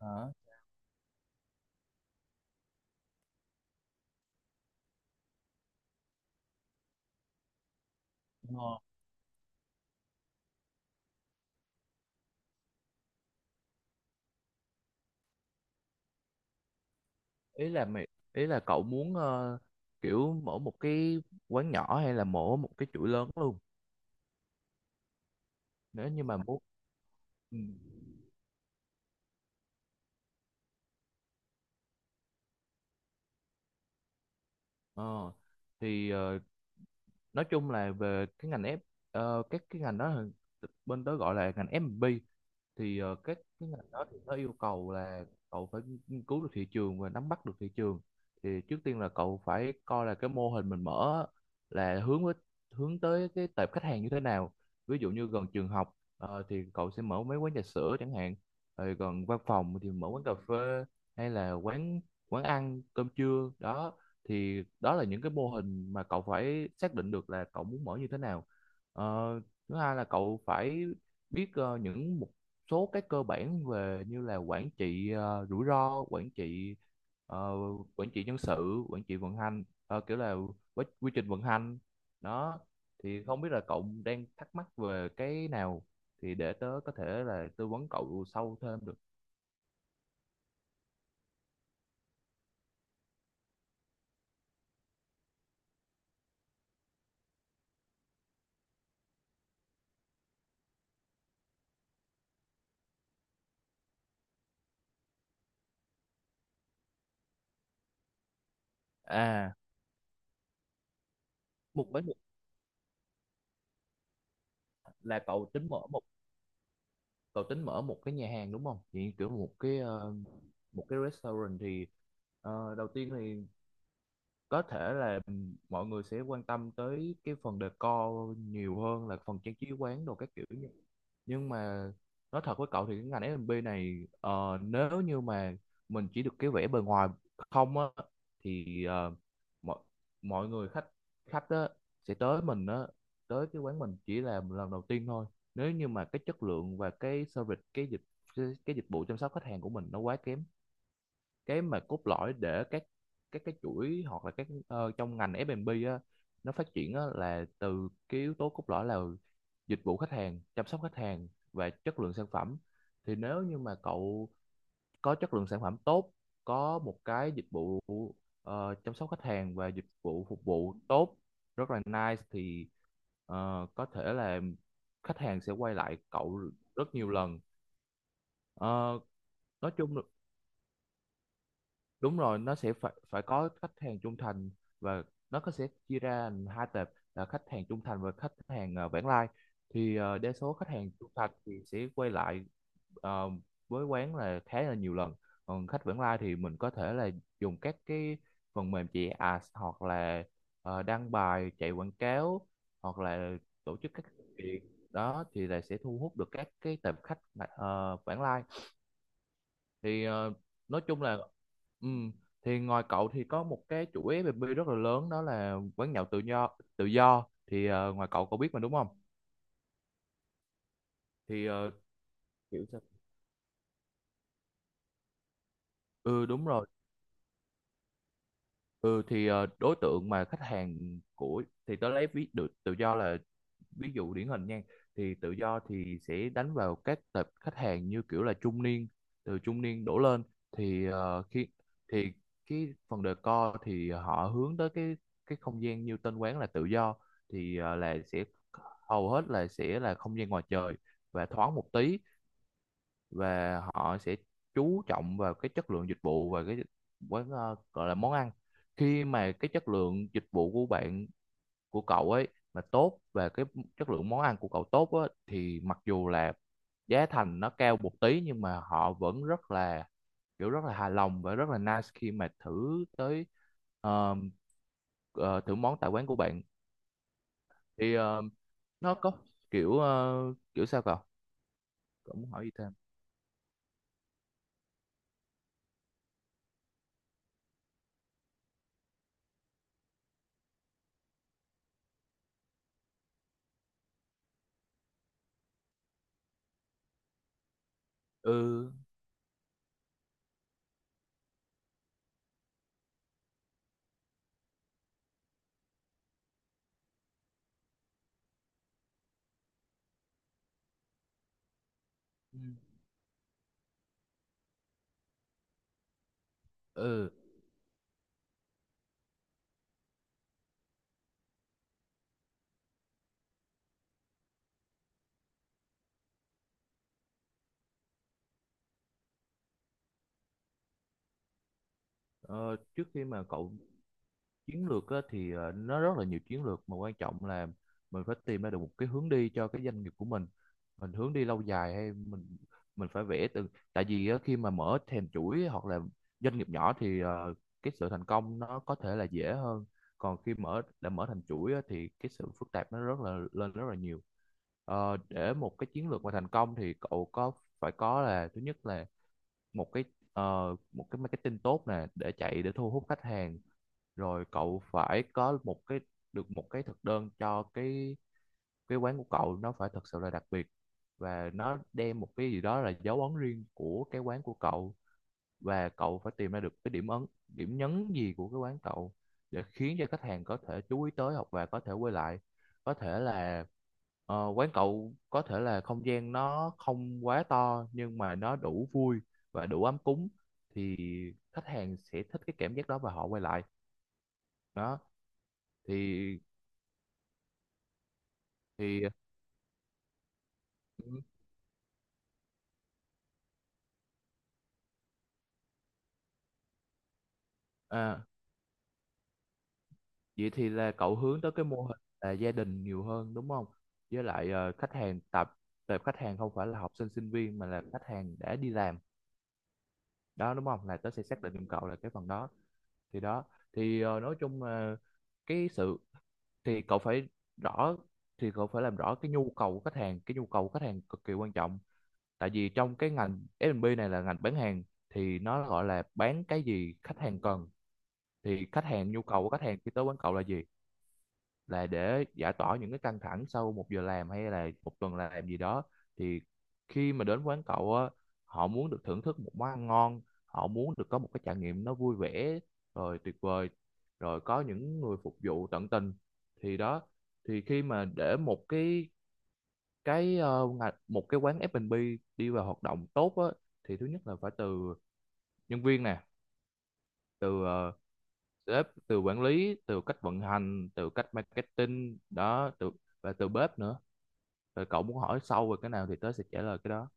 Hả? Ờ, ý là mày ý là cậu muốn kiểu mở một cái quán nhỏ hay là mở một cái chuỗi lớn luôn nếu như mà muốn ừ. Ờ, thì ờ, nói chung là về cái ngành F ờ, các cái ngành đó là- bên tớ gọi là ngành F&B, thì các cái ngành đó thì nó yêu cầu là cậu phải nghiên cứu được thị trường và nắm bắt được thị trường. Thì trước tiên là cậu phải coi là cái mô hình mình mở á, là hướng tới cái tệp khách hàng như thế nào. Ví dụ như gần trường học thì cậu sẽ mở mấy quán trà sữa chẳng hạn, rồi gần văn phòng thì mở quán cà phê, hay là quán quán ăn cơm trưa đó. Thì đó là những cái mô hình mà cậu phải xác định được là cậu muốn mở như thế nào. Ờ, Thứ hai là cậu phải biết những mục số cái cơ bản về như là quản trị rủi ro, quản trị ờ, quản trị nhân sự, quản trị vận hành, kiểu là quy trình vận hành đó. Thì không biết là cậu đang thắc mắc về cái nào thì để tớ có thể là tư vấn cậu sâu thêm được. À một bánh mì, là cậu tính mở một cái nhà hàng đúng không, thì kiểu một cái restaurant thì đầu tiên thì có thể là mọi người sẽ quan tâm tới cái phần decor nhiều hơn là phần trang trí quán đồ các kiểu như. Nhưng mà nói thật với cậu thì cái ngành F&B này nếu như mà mình chỉ được cái vẻ bề ngoài không á, thì mọi mọi người khách khách á sẽ tới cái quán mình chỉ là lần đầu tiên thôi. Nếu như mà cái chất lượng và cái dịch vụ chăm sóc khách hàng của mình nó quá kém, cái mà cốt lõi để các cái chuỗi hoặc là các trong ngành F&B á, nó phát triển á, là từ cái yếu tố cốt lõi, là dịch vụ khách hàng, chăm sóc khách hàng và chất lượng sản phẩm. Thì nếu như mà cậu có chất lượng sản phẩm tốt, có một cái dịch vụ chăm sóc khách hàng và dịch vụ phục vụ tốt, rất là nice, thì có thể là khách hàng sẽ quay lại cậu rất nhiều lần. Ờ, nói chung đúng rồi, nó sẽ phải phải có khách hàng trung thành, và nó sẽ chia ra thành hai tệp là khách hàng trung thành và khách hàng vãng lai. Thì đa số khách hàng trung thành thì sẽ quay lại ờ, với quán là khá là nhiều lần, còn khách vãng lai thì mình có thể là dùng các cái phần mềm chạy ads, hoặc là đăng bài chạy quảng cáo, hoặc là tổ chức các sự kiện đó, thì là sẽ thu hút được các cái tệp khách vãng lai. Thì nói chung là ừm, thì ngoài cậu thì có một cái chủ FB rất là lớn đó là quán nhậu tự do. Tự do thì ngoài cậu, cậu biết mà đúng không, thì kiểu sao. Ừ đúng rồi. Ừ thì đối tượng mà khách hàng của, thì tớ lấy ví dụ tự do là ví dụ điển hình nha, thì tự do thì sẽ đánh vào các tập khách hàng như kiểu là trung niên, từ trung niên đổ lên. Thì ờ, khi thì cái phần decor thì họ hướng tới cái không gian như tên quán là tự do, thì là sẽ hầu hết là sẽ là không gian ngoài trời và thoáng một tí. Và họ sẽ chú trọng vào cái chất lượng dịch vụ và cái quán, gọi là món ăn. Khi mà cái chất lượng dịch vụ của cậu ấy mà tốt và cái chất lượng món ăn của cậu tốt á, thì mặc dù là giá thành nó cao một tí nhưng mà họ vẫn rất là kiểu rất là hài lòng và rất là nice khi mà thử tới ờ, ờ, thử món tại quán của bạn. Thì ờ, nó có kiểu ờ, kiểu sao cậu cậu muốn hỏi gì thêm. Ừ. Ừ. Ờ, Trước khi mà chiến lược á, thì nó rất là nhiều chiến lược, mà quan trọng là mình phải tìm ra được một cái hướng đi cho cái doanh nghiệp của mình. Mình hướng đi lâu dài hay mình phải vẽ từ tại vì á, khi mà mở thèm chuỗi hoặc là doanh nghiệp nhỏ thì cái sự thành công nó có thể là dễ hơn, còn khi đã mở thành chuỗi á, thì cái sự phức tạp nó rất là rất là nhiều. Để một cái chiến lược mà thành công thì cậu có phải có, là thứ nhất là một cái một cái marketing tốt nè để chạy, để thu hút khách hàng. Rồi cậu phải có một cái được một cái thực đơn cho cái quán của cậu, nó phải thật sự là đặc biệt và nó đem một cái gì đó là dấu ấn riêng của cái quán của cậu. Và cậu phải tìm ra được cái điểm ấn điểm nhấn gì của cái quán cậu để khiến cho khách hàng có thể chú ý tới hoặc và có thể quay lại. Có thể là quán cậu có thể là không gian nó không quá to nhưng mà nó đủ vui và đủ ấm cúng, thì khách hàng sẽ thích cái cảm giác đó và họ quay lại đó. thì thì à, vậy thì là cậu hướng tới cái mô hình là gia đình nhiều hơn đúng không, với lại khách hàng tập tập khách hàng không phải là học sinh sinh viên mà là khách hàng đã đi làm, đó đúng không, là tớ sẽ xác định giùm cậu là cái phần đó. Thì đó, thì nói chung là cái sự thì cậu phải rõ thì cậu phải làm rõ cái nhu cầu của khách hàng, cái nhu cầu của khách hàng cực kỳ quan trọng. Tại vì trong cái ngành F&B này là ngành bán hàng, thì nó gọi là bán cái gì khách hàng cần. Thì khách hàng nhu cầu của khách hàng khi tới quán cậu là gì, là để giải tỏa những cái căng thẳng sau một giờ làm hay là một tuần làm gì đó. Thì khi mà đến quán cậu á, họ muốn được thưởng thức một món ăn ngon, họ muốn được có một cái trải nghiệm nó vui vẻ, rồi tuyệt vời, rồi có những người phục vụ tận tình. Thì đó, thì khi mà để một cái ờ, ngà- một cái quán F&B đi vào hoạt động tốt á, thì thứ nhất là phải từ nhân viên nè, từ sếp, từ quản lý, từ cách vận hành, từ cách marketing đó, từ và từ bếp nữa. Rồi cậu muốn hỏi sâu về cái nào thì tớ sẽ trả lời cái đó.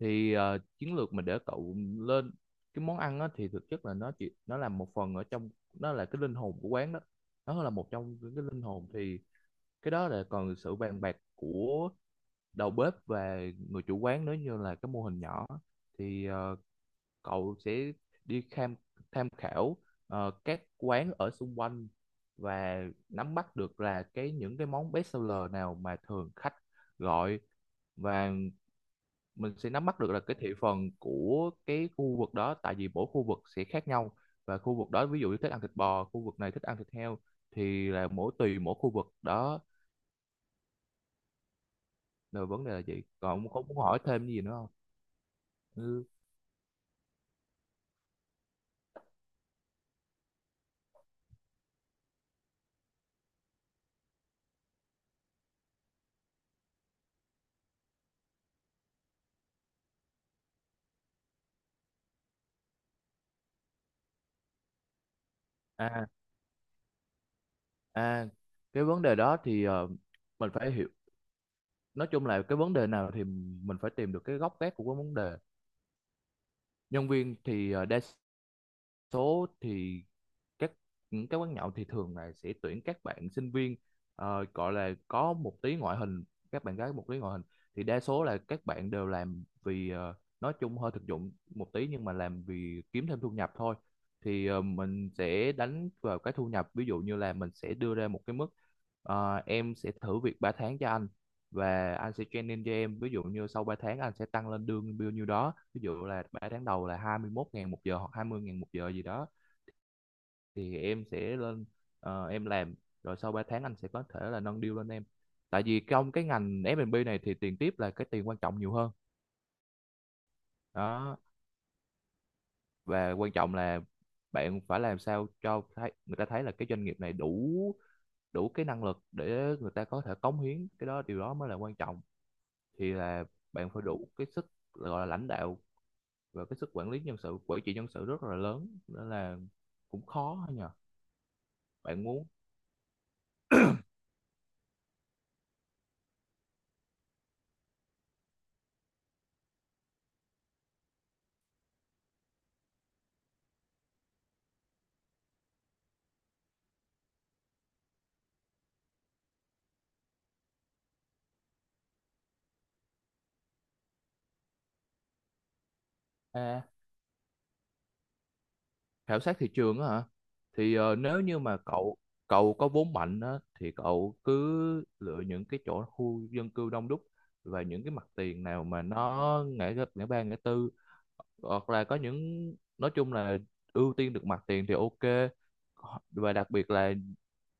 Thì chiến lược mình để cậu lên cái món ăn á, thì thực chất là nó là một phần ở trong, nó là cái linh hồn của quán đó, nó là một trong những cái linh hồn. Thì cái đó là còn sự bàn bạc của đầu bếp và người chủ quán, nếu như là cái mô hình nhỏ thì cậu sẽ đi tham tham khảo các quán ở xung quanh, và nắm bắt được là những cái món best seller nào mà thường khách gọi, và mình sẽ nắm bắt được là cái thị phần của cái khu vực đó, tại vì mỗi khu vực sẽ khác nhau. Và khu vực đó ví dụ như thích ăn thịt bò, khu vực này thích ăn thịt heo, thì là mỗi tùy mỗi khu vực đó. Là vấn đề là gì, còn ông có muốn hỏi thêm cái gì nữa không. Ừ. À. À, cái vấn đề đó thì mình phải hiểu, nói chung là cái vấn đề nào thì mình phải tìm được cái gốc gác của cái vấn đề. Nhân viên thì đa số thì các những cái quán nhậu thì thường là sẽ tuyển các bạn sinh viên, gọi là có một tí ngoại hình, các bạn gái một tí ngoại hình. Thì đa số là các bạn đều làm vì nói chung hơi thực dụng một tí, nhưng mà làm vì kiếm thêm thu nhập thôi. Thì mình sẽ đánh vào cái thu nhập, ví dụ như là mình sẽ đưa ra một cái mức em sẽ thử việc 3 tháng cho anh và anh sẽ training cho em, ví dụ như sau 3 tháng anh sẽ tăng lên lương bao nhiêu đó. Ví dụ là 3 tháng đầu là 21 ngàn một giờ hoặc 20 ngàn một giờ gì đó, thì em sẽ lên em làm, rồi sau 3 tháng anh sẽ có thể là nâng deal lên em. Tại vì trong cái ngành F&B này thì tiền tiếp là cái tiền quan trọng nhiều hơn đó. Và quan trọng là bạn phải làm sao cho thấy, người ta thấy là cái doanh nghiệp này đủ, đủ cái năng lực để người ta có thể cống hiến, cái đó điều đó mới là quan trọng. Thì là bạn phải đủ cái sức gọi là lãnh đạo, và cái sức quản trị nhân sự rất là lớn, nên là cũng khó nhờ. Bạn muốn. À, khảo sát thị trường á hả, thì nếu như mà cậu cậu có vốn mạnh á, thì cậu cứ lựa những cái chỗ khu dân cư đông đúc và những cái mặt tiền nào mà nó ngã ba ngã tư, hoặc là có những, nói chung là ưu tiên được mặt tiền thì ok. Và đặc biệt là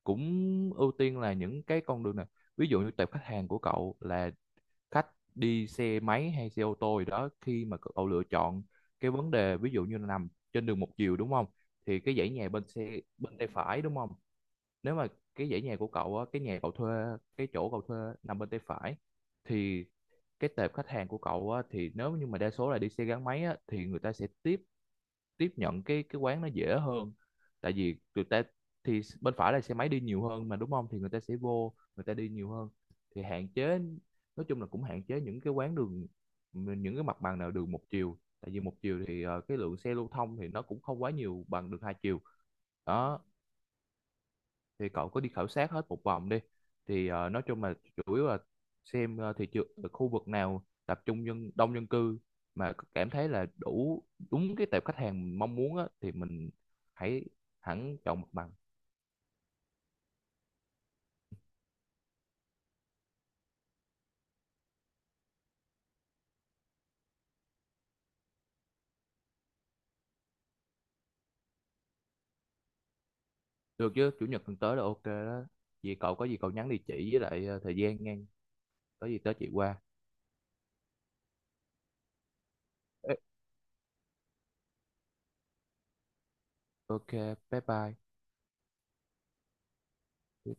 cũng ưu tiên là những cái con đường này, ví dụ như tệp khách hàng của cậu là khách đi xe máy hay xe ô tô gì đó. Khi mà cậu lựa chọn cái vấn đề ví dụ như là nằm trên đường một chiều đúng không, thì cái dãy nhà bên tay phải đúng không. Nếu mà cái dãy nhà của cậu á, cái chỗ cậu thuê nằm bên tay phải, thì cái tệp khách hàng của cậu á, thì nếu như mà đa số là đi xe gắn máy á, thì người ta sẽ tiếp tiếp nhận cái quán nó dễ hơn, tại vì người ta, thì bên phải là xe máy đi nhiều hơn mà đúng không, thì người ta sẽ vô, người ta đi nhiều hơn. Thì hạn chế, nói chung là cũng hạn chế những cái quán đường những cái mặt bằng nào đường một chiều, tại vì một chiều thì cái lượng xe lưu thông thì nó cũng không quá nhiều bằng đường hai chiều đó. Thì cậu có đi khảo sát hết một vòng đi, thì nói chung là chủ yếu là xem thị trường khu vực nào tập trung đông dân cư, mà cảm thấy là đủ đúng cái tệp khách hàng mình mong muốn á, thì mình hãy hẳn chọn mặt bằng. Được chứ, chủ nhật tuần tới là ok đó. Vì cậu có gì cậu nhắn địa chỉ với lại thời gian ngang, có gì tới chị qua. Ê, ok, bye bye.